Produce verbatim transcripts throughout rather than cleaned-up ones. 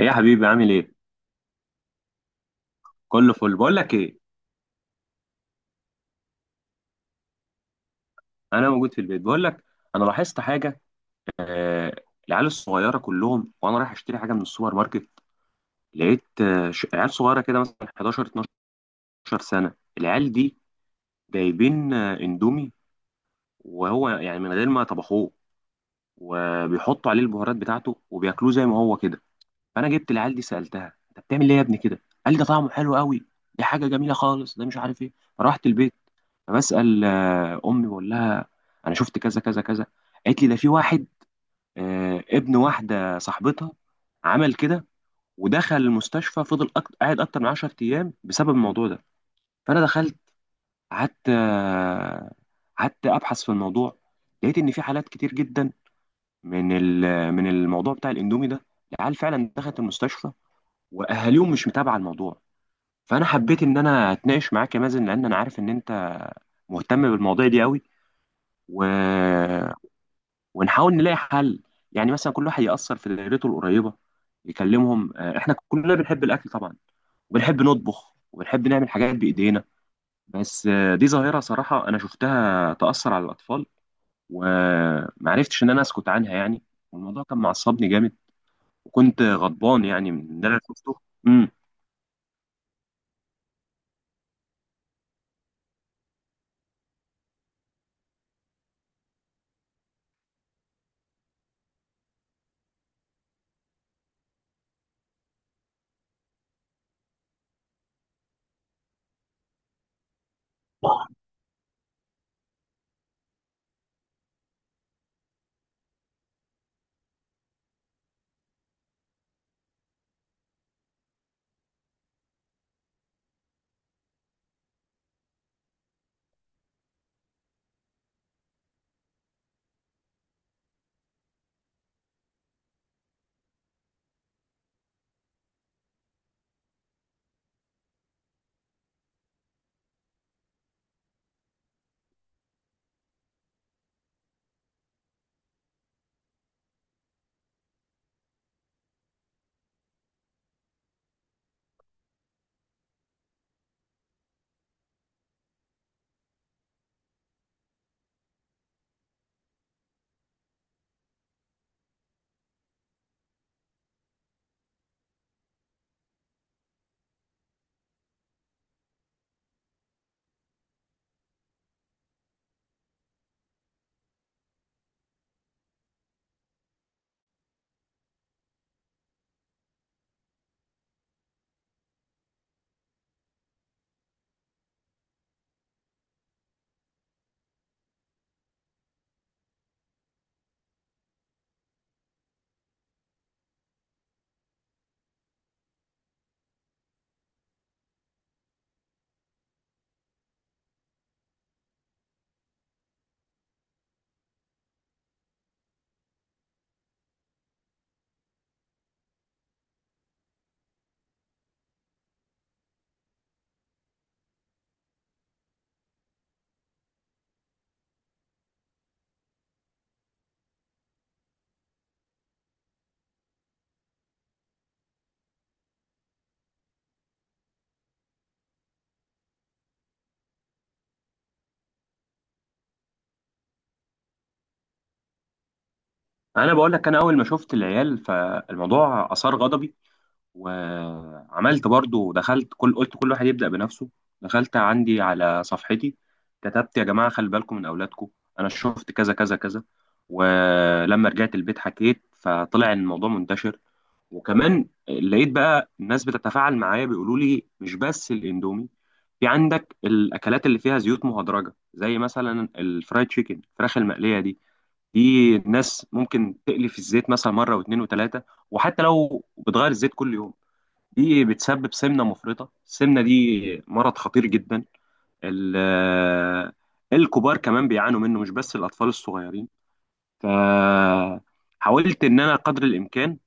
ايه يا حبيبي؟ عامل ايه؟ كله فل. بقول لك ايه، انا موجود في البيت. بقول لك انا لاحظت حاجه. آه، العيال الصغيره كلهم، وانا رايح اشتري حاجه من السوبر ماركت، لقيت آه ش- عيال صغيره كده مثلا إحداشر اتناشر سنه، العيال دي جايبين آه اندومي، وهو يعني من غير ما طبخوه، وبيحطوا عليه البهارات بتاعته وبياكلوه زي ما هو كده. فانا جبت العيال دي سالتها، انت بتعمل ايه يا ابني كده؟ قال لي ده طعمه حلو قوي، دي حاجه جميله خالص، ده مش عارف ايه. رحت البيت فبسأل آه، أمي، بقول لها أنا شفت كذا كذا كذا. قالت لي ده في واحد، آه، ابن واحدة صاحبتها، عمل كده ودخل المستشفى، فضل أكت... قاعد أكتر من عشر أيام بسبب الموضوع ده. فأنا دخلت قعدت آه، قعدت أبحث في الموضوع، لقيت إن في حالات كتير جدا من ال... من الموضوع بتاع الإندومي ده، العيال فعلا دخلت المستشفى وأهاليهم مش متابعة الموضوع. فأنا حبيت إن أنا أتناقش معاك يا مازن، لأن أنا عارف إن أنت مهتم بالمواضيع دي قوي، و... ونحاول نلاقي حل. يعني مثلا كل واحد يأثر في دايرته القريبة، يكلمهم. آه، احنا كلنا بنحب الأكل طبعا، وبنحب نطبخ وبنحب نعمل حاجات بإيدينا، بس آه، دي ظاهرة صراحة أنا شفتها تأثر على الأطفال، ومعرفتش إن أنا أسكت عنها يعني. والموضوع كان معصبني جامد، وكنت غضبان يعني من اللي أنا شفته. امم أنا بقول لك، أنا أول ما شفت العيال فالموضوع أثار غضبي، وعملت برضو دخلت كل قلت كل واحد يبدأ بنفسه. دخلت عندي على صفحتي، كتبت يا جماعة خلي بالكم من أولادكم، أنا شفت كذا كذا كذا. ولما رجعت البيت حكيت فطلع إن الموضوع منتشر، وكمان لقيت بقى الناس بتتفاعل معايا، بيقولوا لي مش بس الإندومي، في عندك الأكلات اللي فيها زيوت مهدرجة، زي مثلا الفرايد تشيكن، الفراخ المقلية دي، دي الناس ممكن تقلي في الزيت مثلا مرة واثنين وثلاثة، وحتى لو بتغير الزيت كل يوم دي بتسبب سمنة مفرطة. السمنة دي مرض خطير جدا، ال- الكبار كمان بيعانوا منه، مش بس الأطفال الصغيرين. فحاولت إن أنا قدر الإمكان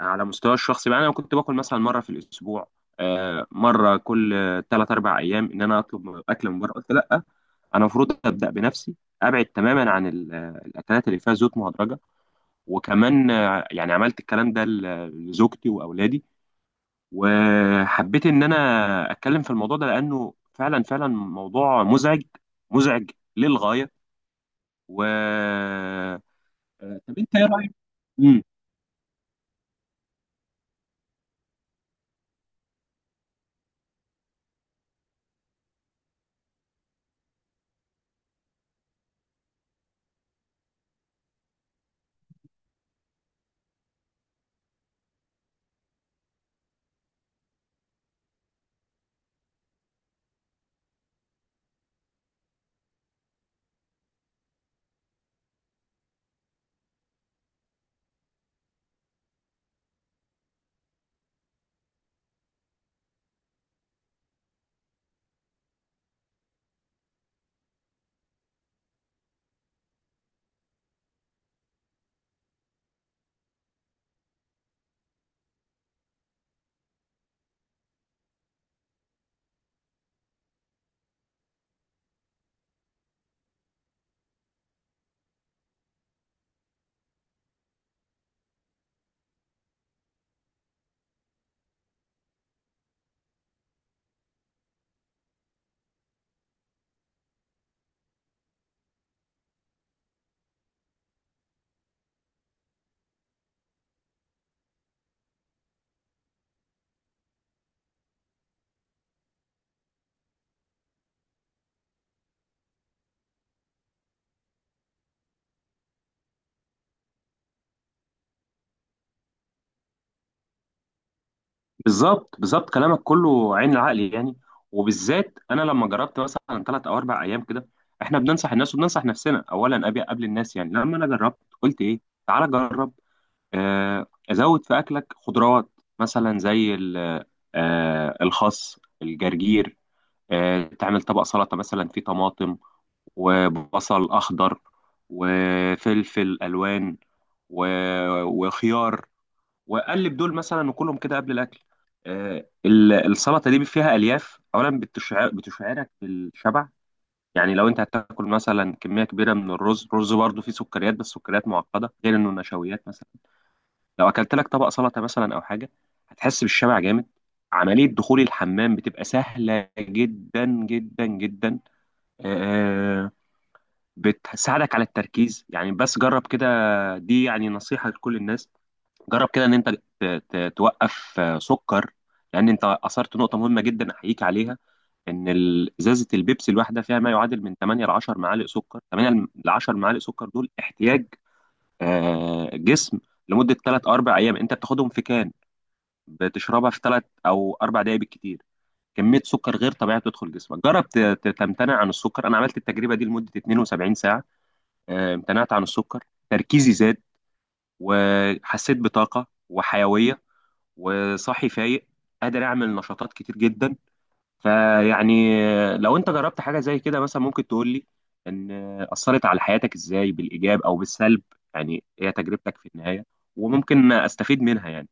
على مستوى الشخصي بقى، أنا كنت باكل مثلا مرة في الأسبوع، آه، مرة كل ثلاث أربع أيام إن أنا أطلب أكل من بره، قلت لأ، أنا المفروض أبدأ بنفسي، أبعد تماما عن ال- الأكلات اللي فيها زيوت مهدرجة. وكمان آه، يعني عملت الكلام ده ل- لزوجتي وأولادي، وحبيت ان انا اتكلم في الموضوع ده لانه فعلا فعلا موضوع مزعج، مزعج للغايه. و آه، طب انت ايه رايك؟ امم بالظبط بالظبط، كلامك كله عين العقل يعني. وبالذات انا لما جربت مثلا ثلاث او اربع ايام كده، احنا بننصح الناس وبننصح نفسنا اولا قبل قبل الناس يعني. لما انا جربت قلت ايه، تعالى جرب. آه، ازود في اكلك خضروات، مثلا زي ال- آه، الخس، الجرجير. آه، تعمل طبق سلطة مثلا فيه طماطم، وبصل أخضر، وفلفل ألوان، و... وخيار، وقلب دول مثلا وكلهم كده قبل الأكل. آه، ال- السلطة دي فيها ألياف أولا، بتشع- بتشعرك بالشبع، يعني لو أنت هتاكل مثلا كمية كبيرة من الرز، الرز برضه فيه سكريات، بس سكريات معقدة، غير إنه نشويات مثلا. لو أكلت لك طبق سلطة مثلا أو حاجة هتحس بالشبع جامد. عملية دخول الحمام بتبقى سهلة جدا جدا جدا. آه، بتساعدك على التركيز، يعني بس جرب كده، دي يعني نصيحة لكل الناس. جرب كده ان انت ت- ت- توقف آه، سكر. لان انت اثرت نقطة مهمة جدا احييك عليها، ان ال- ازازة البيبسي الواحدة فيها ما يعادل من تمانية ل عشر معالق سكر. تمانية ل عشر معالق سكر دول احتياج آه، جسم لمدة تلاتة اربع ايام، انت بتاخدهم في كان بتشربها في تلات او اربع دقائق بالكتير. كمية سكر غير طبيعية بتدخل جسمك. جرب ت- ت- تمتنع عن السكر. انا عملت التجربة دي لمدة اتنين وسبعين ساعة، آه، امتنعت عن السكر. تركيزي زاد، وحسيت بطاقة وحيوية، وصاحي فايق، قادر أعمل نشاطات كتير جدا. فيعني آه، لو أنت جربت حاجة زي كده مثلا ممكن تقول لي إن آه، أثرت على حياتك إزاي، بالإيجاب أو بالسلب، يعني هي تجربتك في النهاية، وممكن أستفيد منها يعني.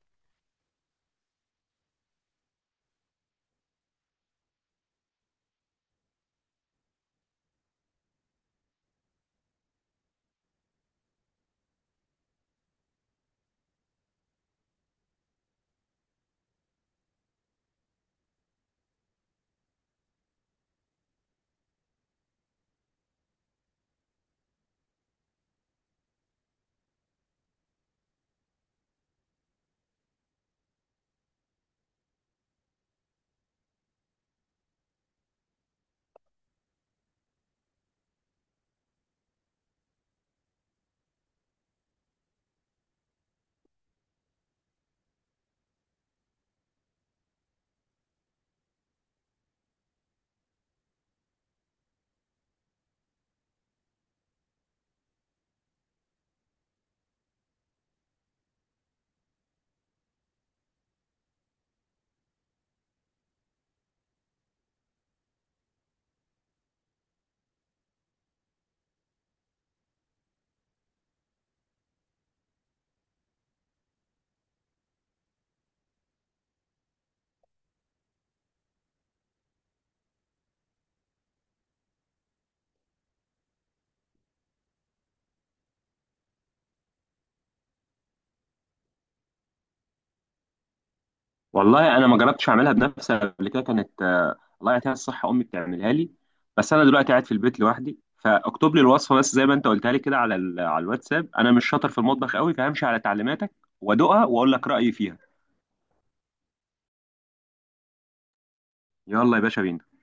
والله انا ما جربتش اعملها بنفسي قبل كده، كانت آه، الله يعطيها الصحه امي بتعملها لي، بس انا دلوقتي قاعد في البيت لوحدي، فاكتب لي الوصفه بس زي ما انت قلتها لي كده على ال- على الواتساب. انا مش شاطر في المطبخ قوي، فهمشي على تعليماتك وادوقها واقول لك رايي فيها. يلا يا باشا بينا.